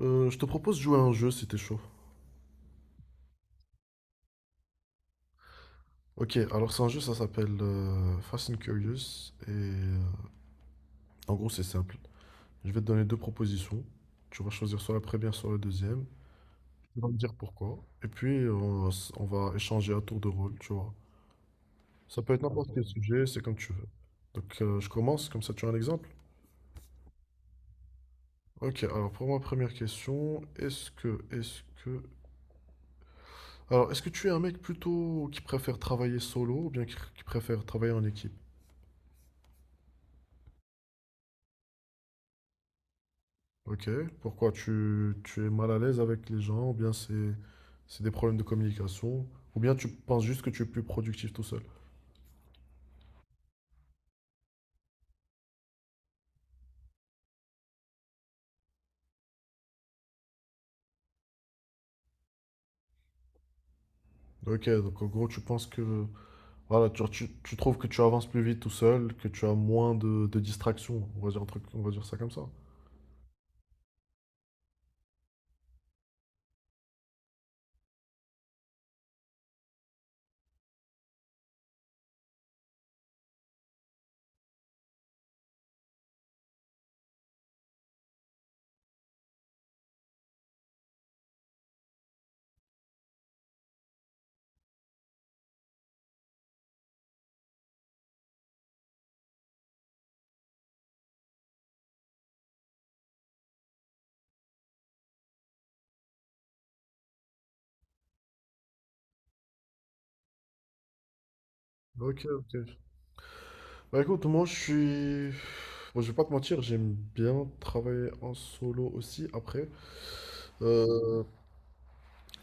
Je te propose de jouer à un jeu si t'es chaud. Ok, alors c'est un jeu, ça s'appelle Fast and Curious. Et en gros, c'est simple. Je vais te donner deux propositions. Tu vas choisir soit la première, soit la deuxième. Tu vas me dire pourquoi. Et puis, on va échanger à tour de rôle, tu vois. Ça peut être n'importe quel sujet, c'est comme tu veux. Donc, je commence, comme ça tu as un exemple. Ok, alors pour ma première question, alors, est-ce que tu es un mec plutôt qui préfère travailler solo ou bien qui préfère travailler en équipe? Ok. Pourquoi tu es mal à l'aise avec les gens, ou bien c'est des problèmes de communication, ou bien tu penses juste que tu es plus productif tout seul. Ok, donc en gros, tu penses que voilà, tu trouves que tu avances plus vite tout seul, que tu as moins de distractions, on va dire un truc, on va dire ça comme ça. Ok, ok. Bah écoute, moi je suis. Bon, je vais pas te mentir, j'aime bien travailler en solo aussi après. Euh,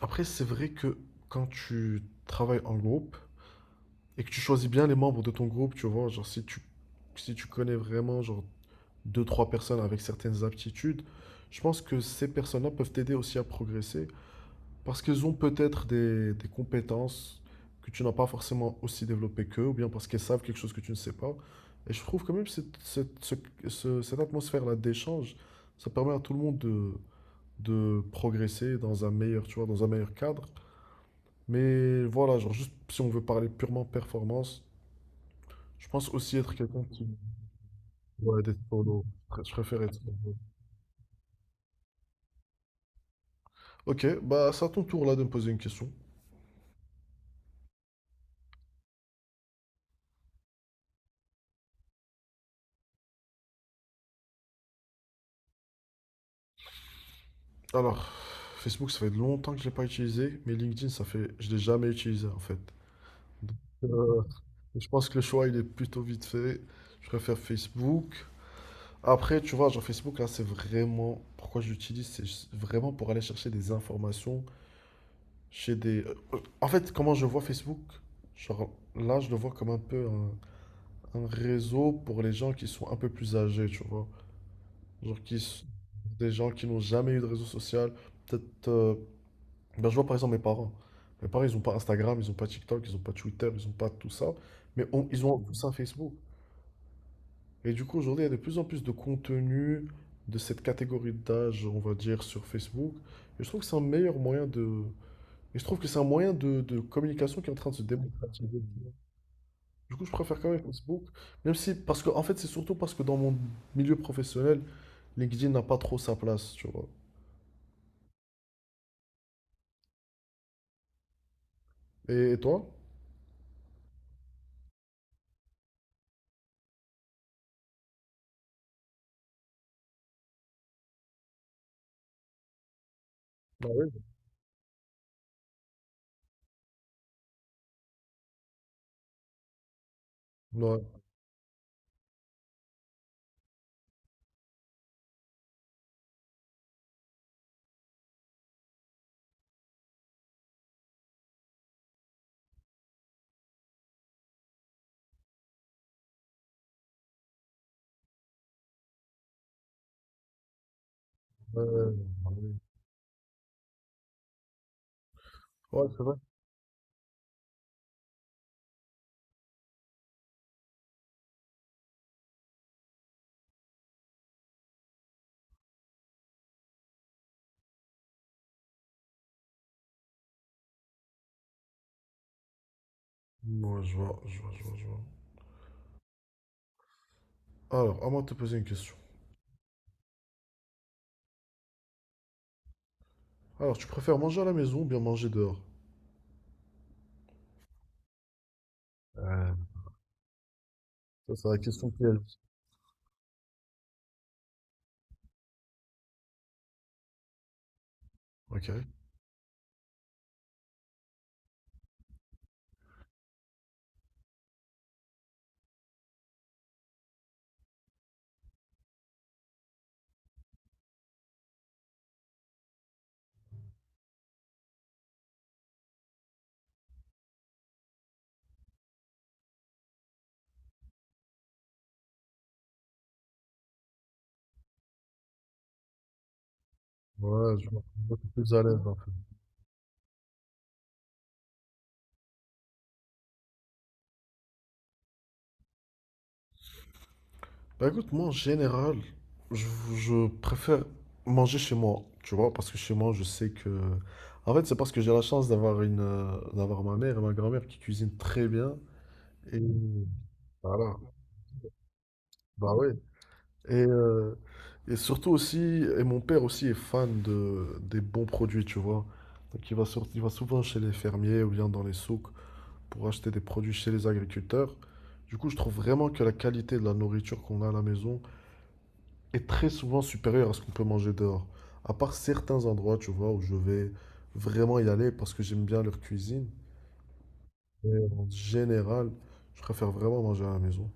Après, c'est vrai que quand tu travailles en groupe, et que tu choisis bien les membres de ton groupe, tu vois, genre si tu connais vraiment genre deux, trois personnes avec certaines aptitudes, je pense que ces personnes-là peuvent t'aider aussi à progresser parce qu'elles ont peut-être des compétences que tu n'as pas forcément aussi développées qu'eux ou bien parce qu'elles savent quelque chose que tu ne sais pas. Et je trouve quand même cette atmosphère-là d'échange, ça permet à tout le monde de progresser dans un meilleur, tu vois, dans un meilleur cadre. Mais voilà, genre juste si on veut parler purement performance, je pense aussi être quelqu'un qui... Ouais, d'être solo. Je préfère être solo. Ok, bah c'est à ton tour là de me poser une question. Alors, Facebook, ça fait longtemps que je l'ai pas utilisé, mais LinkedIn, ça fait... Je l'ai jamais utilisé en fait. Donc, euh, je pense que le choix, il est plutôt vite fait. Je préfère Facebook. Après, tu vois, genre Facebook, là, c'est vraiment... Pourquoi je l'utilise, c'est juste vraiment pour aller chercher des informations chez des... en fait, comment je vois Facebook, genre là, je le vois comme un peu un réseau pour les gens qui sont un peu plus âgés, tu vois. Genre qui, s- des gens qui n'ont jamais eu de réseau social. Peut-être. Ben, je vois par exemple mes parents. Mes parents, ils n'ont pas Instagram, ils n'ont pas TikTok, ils n'ont pas Twitter, ils n'ont pas tout ça. Mais on- ils ont tous un Facebook. Et du coup, aujourd'hui, il y a de plus en plus de contenu de cette catégorie d'âge, on va dire, sur Facebook. Et je trouve que c'est un meilleur moyen de. Et je trouve que c'est un moyen de communication qui est en train de se démocratiser. Du coup, je préfère quand même Facebook. Même si, parce que, en fait, c'est surtout parce que dans mon milieu professionnel, LinkedIn n'a pas trop sa place, tu vois. Et toi? Ah oui. Ouais, euh, ah oui. Ouais, c'est vrai. Ouais, je vois, je vois, je vois, je vois. Alors, à moi de te poser une question. Alors, tu préfères manger à la maison ou bien manger dehors? Euh, Ça, c'est la question piège. Ok. Ouais, je vois. Je suis plus à l'aise. Bah écoute, moi en général, je, je préfère manger chez moi, tu vois, parce que chez moi, je sais que... En fait, c'est parce que j'ai la chance d'avoir une, d'avoir ma mère et ma grand-mère qui cuisinent très bien. Et voilà, bah ouais. Et, euh, et surtout aussi, et mon père aussi est fan des bons produits, tu vois. Donc il va, il va souvent chez les fermiers ou bien dans les souks pour acheter des produits chez les agriculteurs. Du coup, je trouve vraiment que la qualité de la nourriture qu'on a à la maison est très souvent supérieur à ce qu'on peut manger dehors. À part certains endroits, tu vois, où je vais vraiment y aller parce que j'aime bien leur cuisine. Mais en général, je préfère vraiment manger à la maison.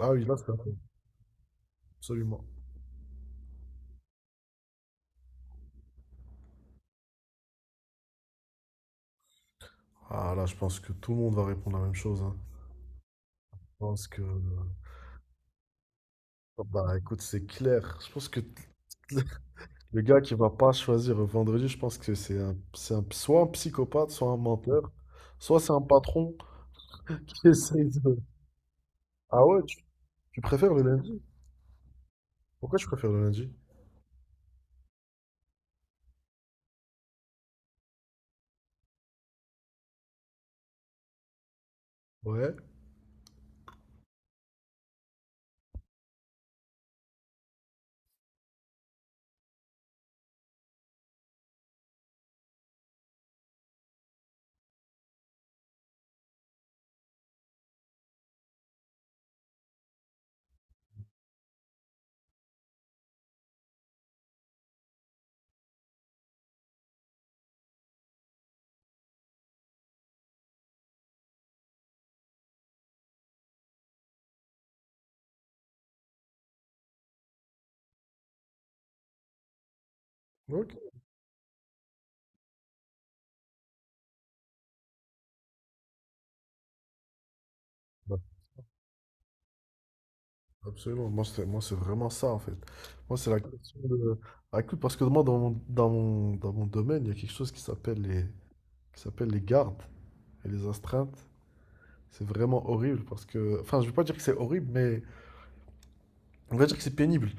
Ah oui, là, c'est vrai, absolument. Ah là, je pense que tout le monde va répondre la même chose, hein. Je pense que... Oh, bah écoute, c'est clair. Je pense que le gars qui va pas choisir vendredi, je pense que c'est un, soit un psychopathe, soit un menteur, soit c'est un patron qui essaye de... Ah ouais, tu préfères le lundi? Pourquoi je préfère le lundi? Ouais, ok. Bah, absolument. Moi, c'est vraiment ça, en fait. Moi, c'est la question de... Ah, écoute, parce que moi, dans mon domaine, il y a quelque chose qui s'appelle les gardes et les astreintes. C'est vraiment horrible parce que... Enfin, je vais pas dire que c'est horrible, mais on va dire que c'est pénible.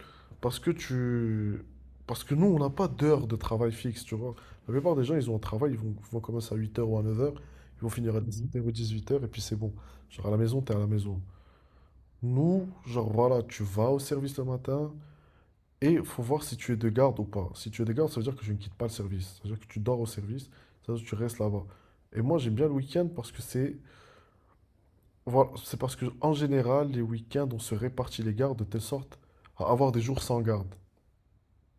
Parce que tu... Parce que nous, on n'a pas d'heure de travail fixe, tu vois. La plupart des gens, ils ont un travail, ils vont commencer à 8 h ou à 9 h, ils vont finir à dix 17h ou 8 h, et puis c'est bon. Genre, à la maison, t'es à la maison. Nous, genre voilà, tu vas au service le matin et faut voir si tu es de garde ou pas. Si tu es de garde, ça veut dire que je ne quitte pas le service. Ça veut dire que tu dors au service, ça veut dire que tu restes là-bas. Et moi, j'aime bien le week-end parce que c'est voilà, c'est parce que en général, les week-ends, on se répartit les gardes de telle sorte à avoir des jours sans garde.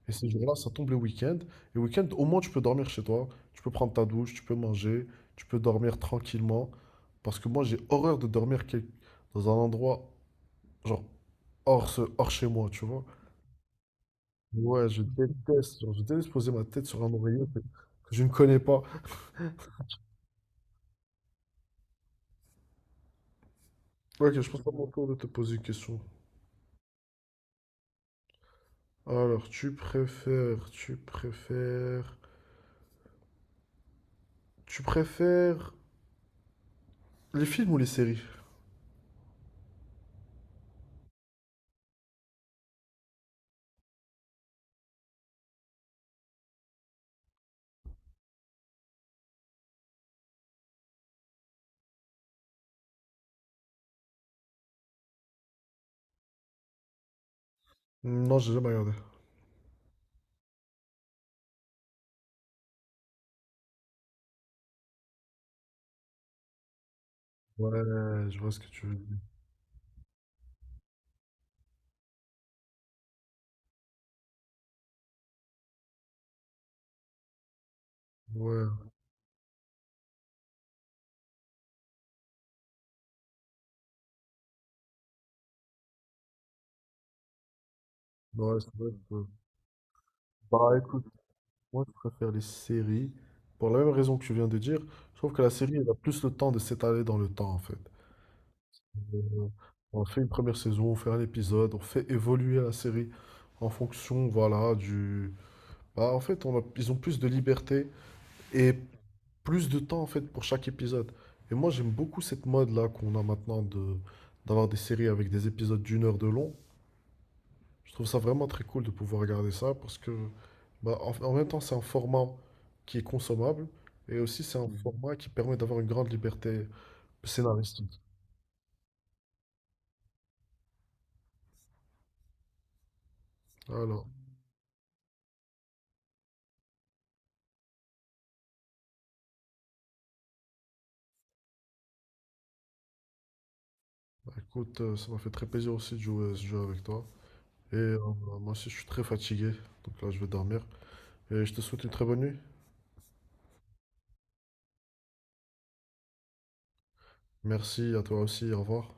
Et ces jours-là, ça tombe les week ends. Et week-end, au moins, tu peux dormir chez toi, tu peux prendre ta douche, tu peux manger, tu peux dormir tranquillement. Parce que moi, j'ai horreur de dormir dans un endroit genre hors chez moi, tu vois. Ouais, je déteste, genre, je déteste poser ma tête sur un oreiller que je ne connais pas. Ok, je pense à mon tour de te poser une question. Alors, tu préfères les films ou les séries? Hmm. Non, j'ai jamais regardé. Ouais, je vois ce que tu veux dire. Ouais, ouais, c'est vrai que... Bah écoute, moi je préfère les séries pour la même raison que tu viens de dire. Je trouve que la série, elle a plus le temps de s'étaler dans le temps en fait. Euh, On fait une première saison, on fait un épisode, on fait évoluer la série en fonction, voilà, du... Bah, en fait, on a- ils ont plus de liberté et plus de temps, en fait, pour chaque épisode. Et moi, j'aime beaucoup cette mode-là qu'on a maintenant de d'avoir des séries avec des épisodes d'1 heure de long. Je trouve ça vraiment très cool de pouvoir regarder ça parce que, bah, en même temps, c'est un format qui est consommable et aussi c'est un format qui permet d'avoir une grande liberté scénaristique. Voilà. Bah, écoute, ça m'a fait très plaisir aussi de jouer à ce jeu avec toi. Et moi aussi, je suis très fatigué, donc là, je vais dormir. Et je te souhaite une très bonne nuit. Merci à toi aussi, au revoir.